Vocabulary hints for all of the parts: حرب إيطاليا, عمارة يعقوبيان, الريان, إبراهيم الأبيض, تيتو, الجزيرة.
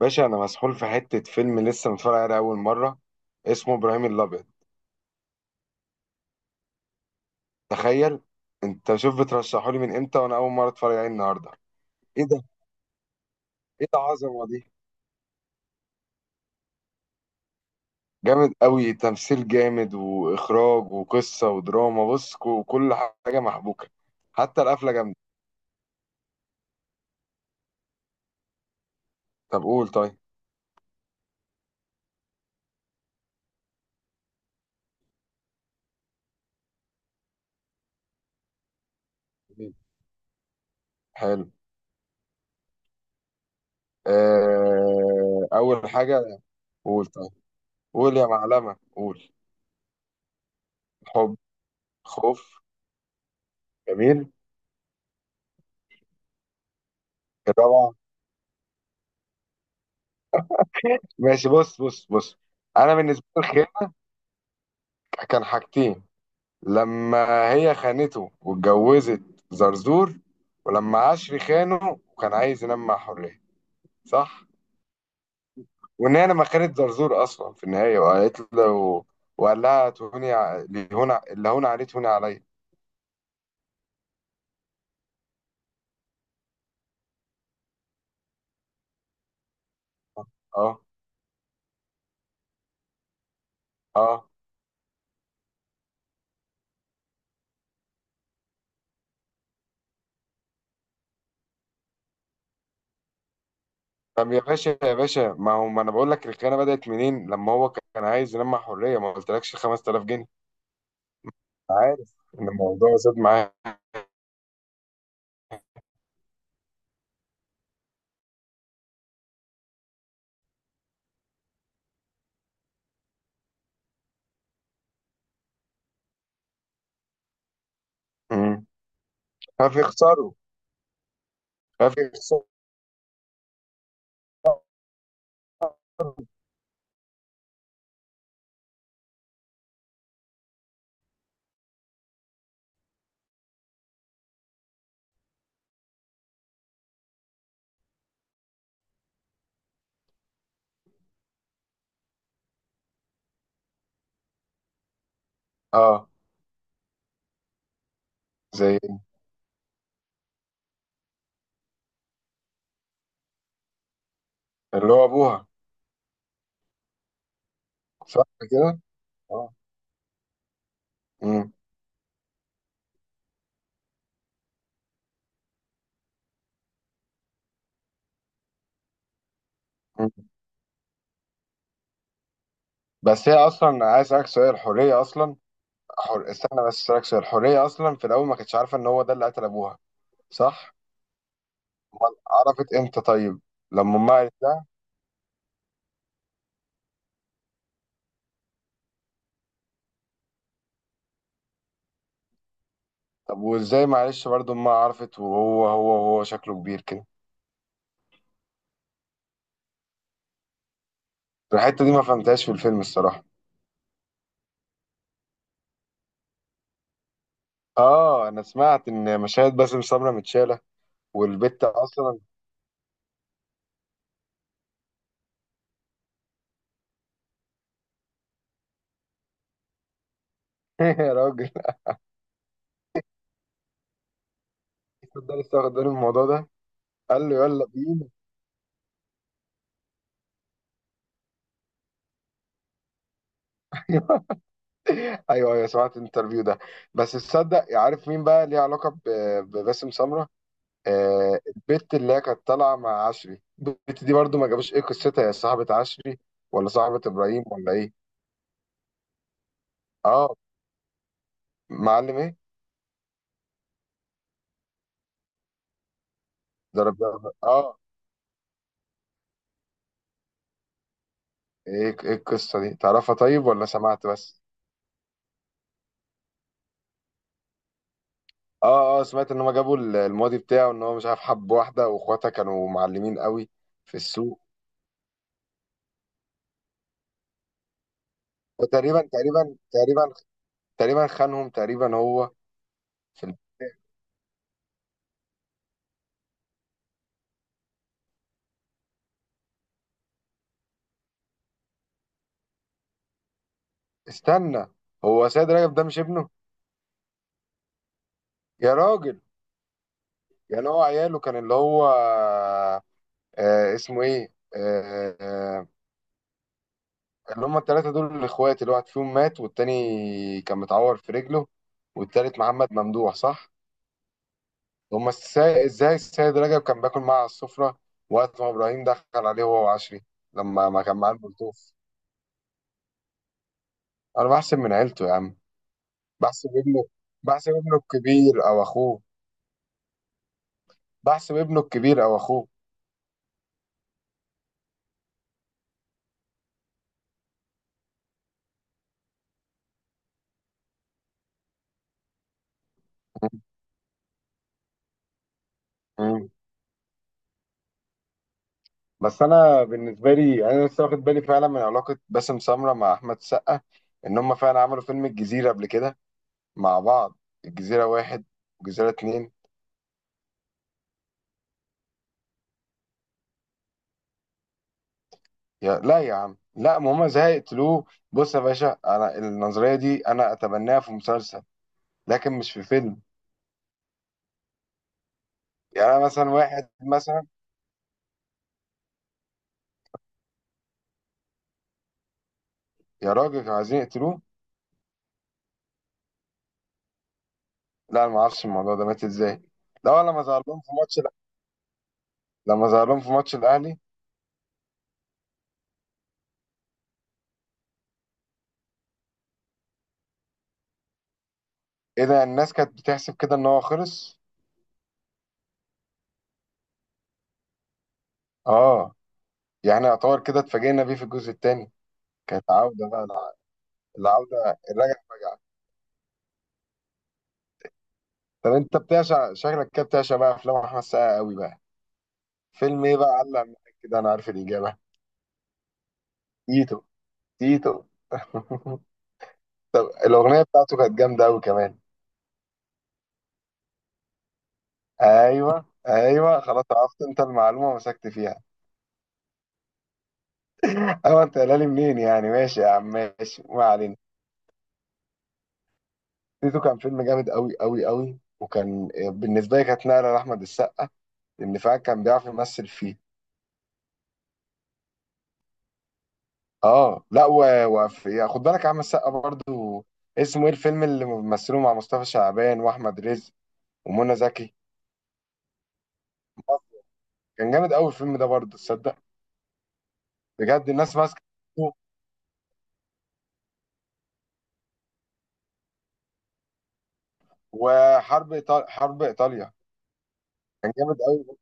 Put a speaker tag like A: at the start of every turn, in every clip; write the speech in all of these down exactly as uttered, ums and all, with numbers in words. A: باشا، انا مسحول في حته فيلم لسه متفرج عليه اول مره. اسمه ابراهيم الابيض. تخيل. انت شوف، بترشحه لي من امتى وانا اول مره اتفرج عليه النهارده. ايه ده؟ ايه ده، عظمه دي! جامد قوي، تمثيل جامد واخراج وقصه ودراما. بص، ك- كل حاجه محبوكه. حتى القفله جامده. طب قول، طيب. حلو. آه، اول حاجه. قول، طيب. قول يا معلمه، قول. حب. خوف. جميل. الرابعه؟ ماشي، بص بص بص. انا بالنسبه لي الخير كان حاجتين. لما هي خانته واتجوزت زرزور. ولما عشري خانه وكان عايز ينام مع حرية. صح؟ وان هي لما خانت زرزور اصلا في النهاية وقالت له، وقال لها تهوني ع- لهون ع- اللي هون عليه تهوني عليا. اه، اه. طب يا باشا يا باشا، ما هو ما انا بقول لك، الخيانة بدأت منين؟ لما هو كان عايز ينام مع حرية ما قلتلكش خمسة آلاف جنيه. عارف ان الموضوع زاد معاه. مم. ففي خساره، ففي خساره. اه، زي اللي هو ابوها. صح كده. اه. مم. مم. بس هي اصلا، عايز اسالك سؤال، الحريه اصلا. حر... استنى بس اسالك سؤال، الحريه اصلا في الاول ما كانتش عارفه ان هو ده اللي قتل ابوها؟ صح. امال عرفت امتى طيب؟ لما امها قالت لها. طب وازاي معلش برضه امها عرفت، وهو هو هو شكله كبير كده؟ الحته دي ما فهمتهاش في الفيلم الصراحه. اه، انا سمعت ان مشاهد باسم سمره متشاله. والبت اصلا. يا راجل. ده لسه واخد بالي من الموضوع ده. قال له يلا بينا. ايوه، ايوه، سمعت الانترفيو ده. بس تصدق، عارف مين بقى ليه علاقه ب- بباسم سمره؟ آه، البت اللي هي كانت طالعه مع عشري، البت دي برضو ما جابوش ايه قصتها. هي صاحبه عشري، ولا صاحبه ابراهيم، ولا ايه؟ اه. معلم ايه؟ ضرب. اه. ايه ايه القصه دي تعرفها طيب، ولا سمعت بس؟ اه، اه، سمعت ان هم جابوا ال- الماضي بتاعه، ان هو مش عارف حب واحده واخواتها كانوا معلمين قوي. في السوق. وتقريبا تقريبا تقريبا. تقريبا خانهم، تقريبا هو. في. استنى. هو سيد رجب ده مش ابنه؟ يا راجل. يعني هو عياله كان اللي هو، آه آه، اسمه ايه، آه آه اللي هم الثلاثه دول الاخوات، اللي واحد فيهم مات والتاني كان متعور في رجله. والتالت محمد ممدوح، صح؟ هم ازاي ازاي السيد رجب كان باكل معاه على السفره، وقت ما ابراهيم دخل عليه هو وعشري، لما ما كان معاه البلطوف؟ انا بحسب من عيلته يا عم. بحسب ابنه. بحسب ابنه الكبير او اخوه. بحسب ابنه الكبير او اخوه. بس انا بالنسبه لي يعني، انا لسه واخد بالي فعلا من علاقه باسم سمره مع احمد سقا. ان هم فعلا عملوا فيلم الجزيره قبل كده مع بعض. الجزيره واحد. والجزيره اتنين. يا، لا يا عم، لا ما هم زي قتلوه. بص يا باشا، انا النظريه دي انا اتبناها في مسلسل، لكن مش في فيلم. يعني انا مثلا، واحد مثلا. يا راجل، كانوا عايزين يقتلوه. لا، انا ما اعرفش الموضوع ده مات ازاي. لا، لما ظهر لهم في ماتش. لما ظهر لهم في ماتش الاهلي. ايه ده، الناس كانت بتحسب كده ان هو خلص؟ اه. يعني يعتبر كده اتفاجئنا بيه في الجزء الثاني. كانت عودة بقى الع- العودة، الرجعة فجأة. طب انت بتعشق شكلك كده، بتعشق بقى افلام احمد السقا قوي بقى. فيلم ايه بقى علق معاك كده؟ انا عارف الاجابة. تيتو. تيتو. طب الاغنية بتاعته كانت جامدة قوي كمان. ايوه، ايوه، خلاص عرفت انت المعلومة ومسكت فيها. ايوه انت قايلها لي منين يعني. ماشي يا عم، ماشي، ما علينا. تيتو كان فيلم جامد قوي قوي قوي، وكان بالنسبة لي كانت نقلة لأحمد السقا، لأن فعلا كان بيعرف يمثل فيه. اه، لا و... وفي، خد بالك يا عم السقا برضو، اسمه ايه الفيلم اللي مثله مع مصطفى شعبان واحمد رزق ومنى زكي؟ كان جامد قوي الفيلم ده برضو، تصدق. بجد الناس ماسكه فيه. وحرب إيطال... حرب ايطاليا كان جامد قوي.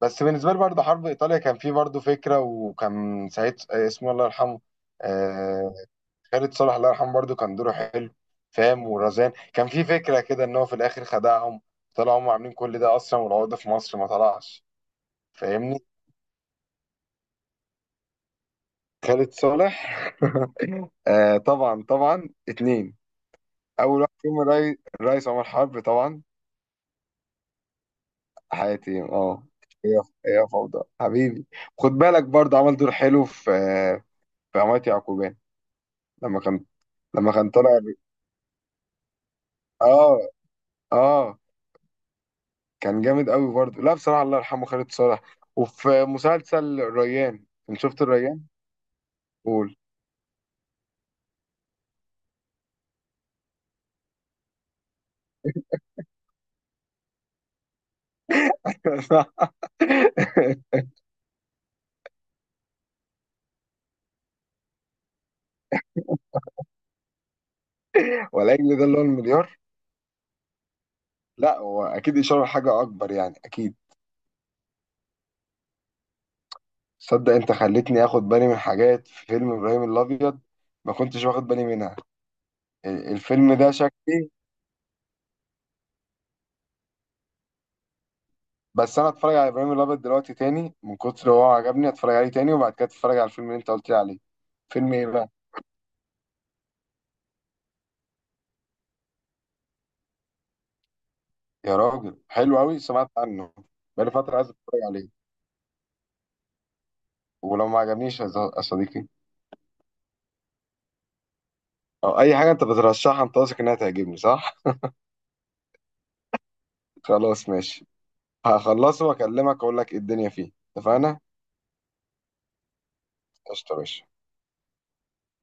A: بس بالنسبه لي برضو حرب ايطاليا كان فيه برضو فكره، وكان سعيد، آه، اسمه الله يرحمه. آه... خالد صالح. الله يرحمه برضو كان دوره حلو. فاهم، ورزان كان فيه فكره كده ان هو في الاخر خدعهم. طلعوا هم عاملين كل ده اصلا، والعقده في مصر ما طلعش. فاهمني. خالد صالح. آه، طبعا طبعا، اتنين. اول واحد فيهم الري- الريس عمر حرب طبعا. حياتي، اه. هي هي فوضى حبيبي. خد بالك برضه عمل دور حلو في آه، في عمارة يعقوبيان، لما كان، لما كان طالع. اه. اه. كان جامد قوي برضه، لا بصراحة الله يرحمه خالد صالح. وفي مسلسل الريان، انت شفت الريان؟ قول. صح. ولا ده اللي هو المليار؟ لا، هو اكيد اشاره لحاجه اكبر يعني، اكيد. صدق، انت خلتني اخد بالي من حاجات في فيلم ابراهيم الابيض ما كنتش واخد بالي منها. ال- الفيلم ده شكلي بس انا اتفرج على ابراهيم الابيض دلوقتي تاني، من كتر هو عجبني اتفرج عليه تاني، وبعد كده اتفرج على الفيلم اللي انت قلت لي عليه. فيلم ايه بقى؟ يا راجل، حلو قوي سمعت عنه. بقالي فتره عايز اتفرج عليه. ولو ما عجبنيش يا ز- يا صديقي؟ او اي حاجه انت بترشحها انت واثق انها تعجبني، صح؟ خلاص، ماشي. هخلصه واكلمك اقول لك ايه الدنيا فيه، اتفقنا؟ قشطه يا باشا.